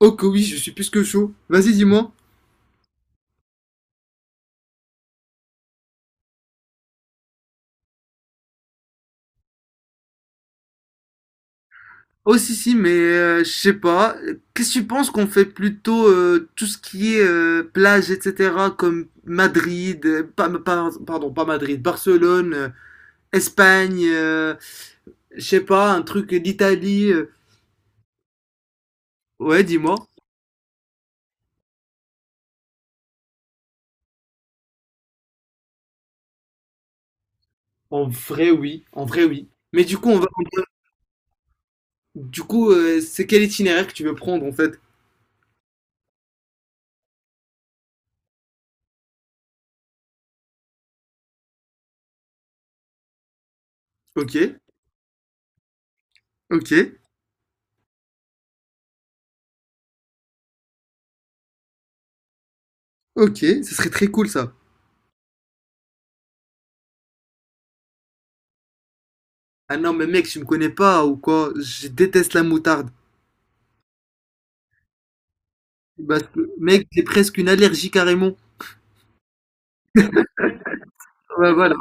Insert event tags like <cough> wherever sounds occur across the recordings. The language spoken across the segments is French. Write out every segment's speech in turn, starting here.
Oh que oui, je suis plus que chaud. Vas-y, dis-moi. Oh, si si, mais je sais pas. Qu'est-ce que tu penses qu'on fait plutôt tout ce qui est plage etc comme Madrid, pardon, pas Madrid, Barcelone, Espagne, je sais pas, un truc d'Italie. Ouais, dis-moi. En vrai, oui. En vrai, oui. Mais du coup, on va... Du coup, c'est quel itinéraire que tu veux prendre, en fait? Ok. Ok. Ok, ce serait très cool, ça. Ah non, mais mec, tu me connais pas ou quoi? Je déteste la moutarde. Bah, mec, j'ai presque une allergie carrément. Bah voilà.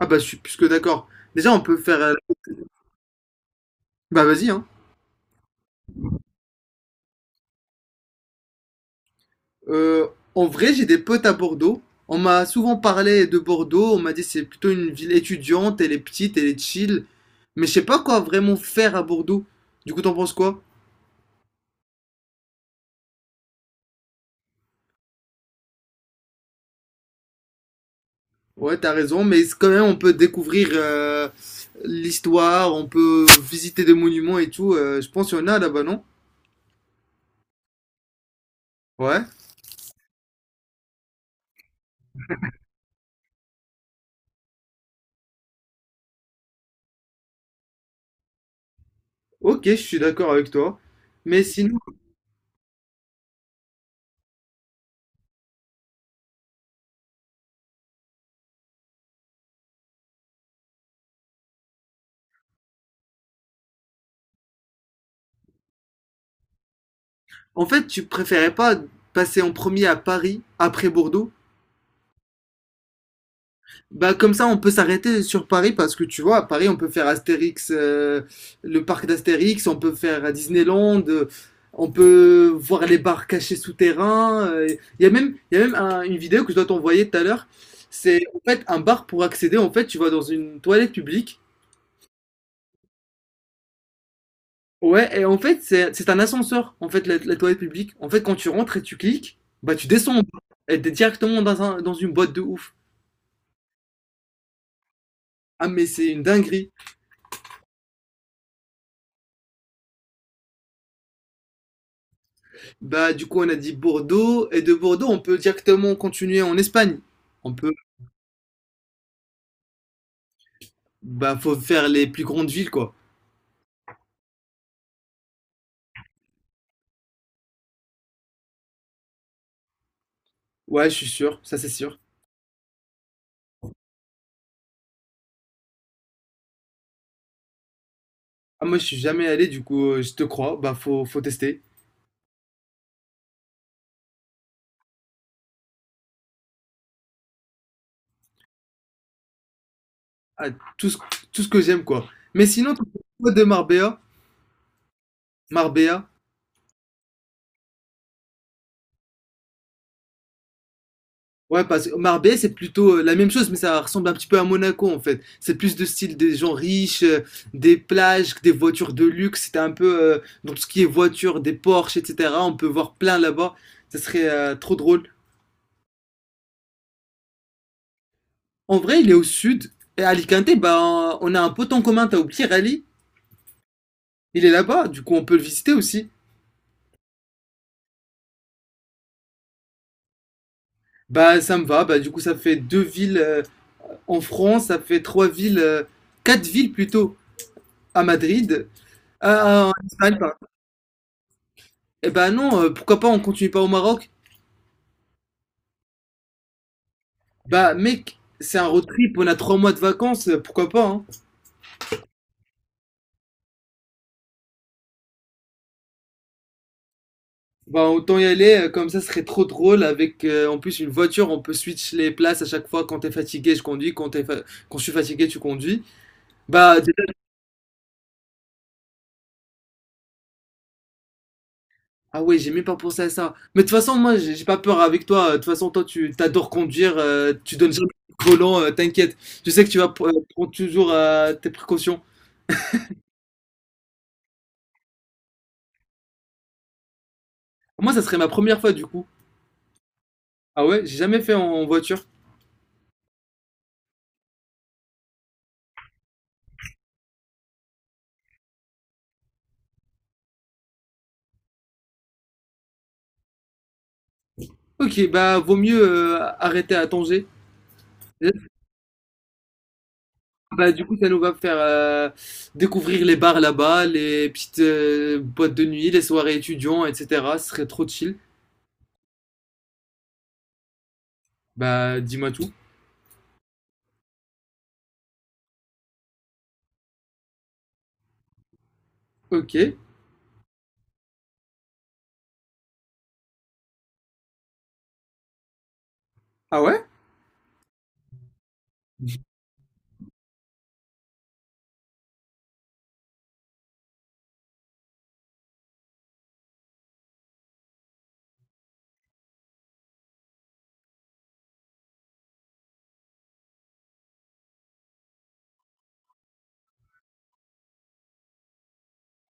Ah bah, je suis plus que d'accord. Déjà, on peut faire. Bah vas-y, hein. Euh, En vrai, j'ai des potes à Bordeaux. On m'a souvent parlé de Bordeaux. On m'a dit c'est plutôt une ville étudiante, elle est petite, elle est chill. Mais je sais pas quoi vraiment faire à Bordeaux. Du coup, t'en penses quoi? Ouais, t'as raison, mais c'est quand même, on peut découvrir l'histoire, on peut visiter des monuments et tout. Je pense qu'il y en a là-bas, non? Ouais. Ok, je suis d'accord avec toi. Mais sinon, en fait, tu préférais pas passer en premier à Paris, après Bordeaux? Bah comme ça, on peut s'arrêter sur Paris parce que tu vois, à Paris, on peut faire Astérix, le parc d'Astérix, on peut faire Disneyland, on peut voir les bars cachés souterrains. Il y a même, une vidéo que je dois t'envoyer tout à l'heure. C'est en fait un bar pour accéder. En fait, tu vas dans une toilette publique. Ouais, et en fait, c'est un ascenseur, en fait, la toilette publique. En fait, quand tu rentres et tu cliques, bah tu descends en bas. Et t'es directement dans dans une boîte de ouf. Ah, mais c'est une dinguerie. Bah, du coup, on a dit Bordeaux, et de Bordeaux, on peut directement continuer en Espagne. On peut, bah, faut faire les plus grandes villes, quoi. Ouais, je suis sûr, ça c'est sûr. Ah, moi, je suis jamais allé, du coup, je te crois, bah, faut tester. Ah, tout ce, tout ce que j'aime, quoi. Mais sinon, tu penses quoi de Marbella? Marbella? Ouais, parce que Marbella, c'est plutôt la même chose, mais ça ressemble un petit peu à Monaco en fait. C'est plus de style des gens riches, des plages, des voitures de luxe. C'était un peu dans tout ce qui est voitures, des Porsche, etc. On peut voir plein là-bas. Ça serait trop drôle. En vrai, il est au sud. Et Alicante, bah, on a un pote en commun, t'as oublié Rally. Il est là-bas, du coup, on peut le visiter aussi. Bah, ça me va. Bah, du coup, ça fait deux villes en France, ça fait trois villes, quatre villes plutôt à Madrid, en Espagne, pardon. Eh bah non, pourquoi pas, on continue pas au Maroc? Bah mec, c'est un road trip, on a trois mois de vacances, pourquoi pas, hein? Bah autant y aller, comme ça ce serait trop drôle avec en plus une voiture, on peut switch les places à chaque fois, quand t'es fatigué je conduis, quand je suis fatigué tu conduis. Bah déjà, ah ouais, j'ai même pas pensé à ça. Mais de toute façon, moi j'ai pas peur avec toi, de toute façon toi tu t'adores conduire, tu donnes jamais le volant, t'inquiète. Je sais que tu vas prendre toujours tes précautions. Moi ça serait ma première fois du coup. Ah ouais, j'ai jamais fait en voiture. Ok, bah vaut mieux arrêter à Tanger. Bah, du coup, ça nous va faire découvrir les bars là-bas, les petites boîtes de nuit, les soirées étudiants, etc. Ce serait trop chill. Bah, dis-moi tout. Ok. Ah ouais?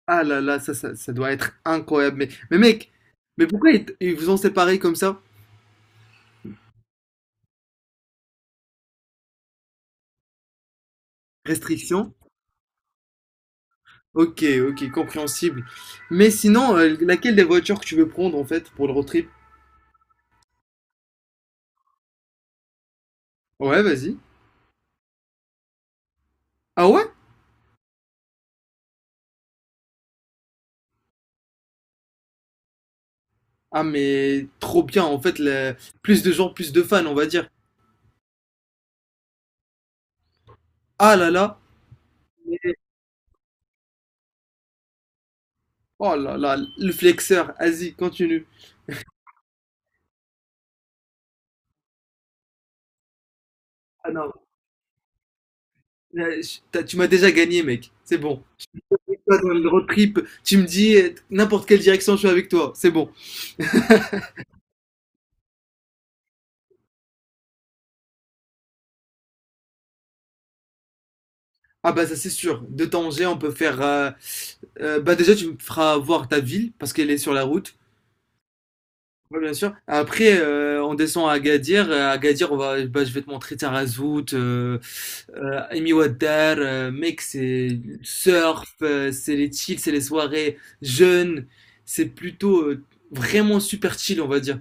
Ah là là, ça doit être incroyable. Mais mec, mais pourquoi ils vous ont séparés comme ça? Restriction? Ok, ok, compréhensible. Mais sinon, laquelle des voitures que tu veux prendre en fait pour le road trip? Ouais, vas-y. Ah ouais? Ah, mais trop bien, en fait, plus de gens, plus de fans, on va dire. Ah là là, mais, oh là là, le flexeur, vas-y, continue. Ah non, tu m'as déjà gagné, mec, c'est bon. Toi, dans le road trip, tu me dis n'importe quelle direction, je suis avec toi, c'est bon. Ah bah ça, c'est sûr, de Tanger, on peut faire... bah déjà, tu me feras voir ta ville, parce qu'elle est sur la route. Ouais, bien sûr. Après, on descend à Agadir. À Agadir, on va, bah, je vais te montrer Tarazout, Amy Water, mec, c'est le surf, c'est les chills, c'est les soirées jeunes, c'est plutôt vraiment super chill, on va dire.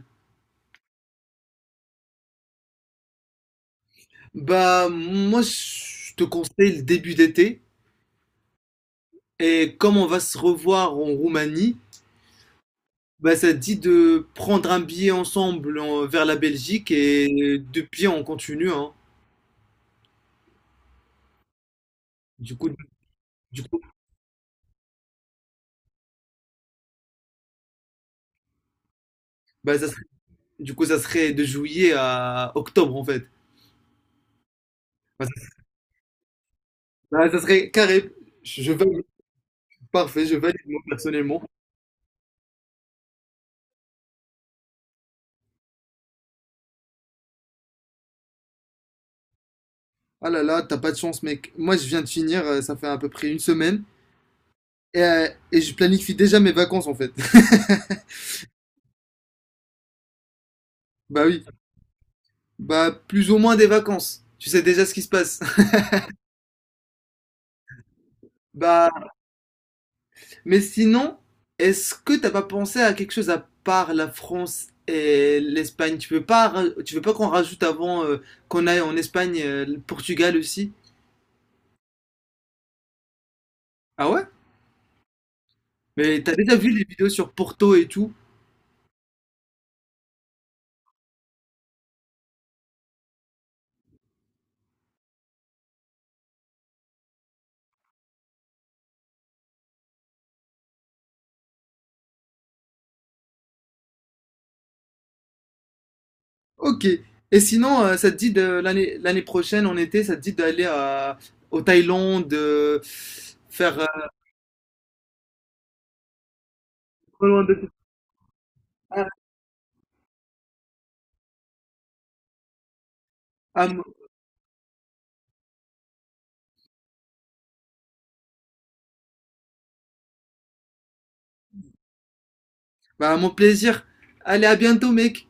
Bah, moi, je te conseille le début d'été, et comme on va se revoir en Roumanie, bah, ça te dit de prendre un billet ensemble vers la Belgique, et de pied, on continue, hein. Du coup, du coup, bah, du coup, ça serait de juillet à octobre, en fait. Bah, ça bah, ça serait carré, je vais parfait, je valide moi personnellement. Ah là là, t'as pas de chance, mec. Moi, je viens de finir, ça fait à peu près une semaine, et je planifie déjà mes vacances en fait. <laughs> Bah oui, bah plus ou moins des vacances. Tu sais déjà ce qui se passe. <laughs> Bah, mais sinon, est-ce que t'as pas pensé à quelque chose à part la France et l'Espagne? Tu veux pas qu'on rajoute avant qu'on aille en Espagne, le Portugal aussi? Ah ouais? Mais t'as déjà vu les vidéos sur Porto et tout? Ok. Et sinon, ça te dit de l'année prochaine, en été, ça te dit d'aller à au Thaïlande, de faire. Pas loin de... Ah, à mon bah, à mon plaisir. Allez, à bientôt, mec.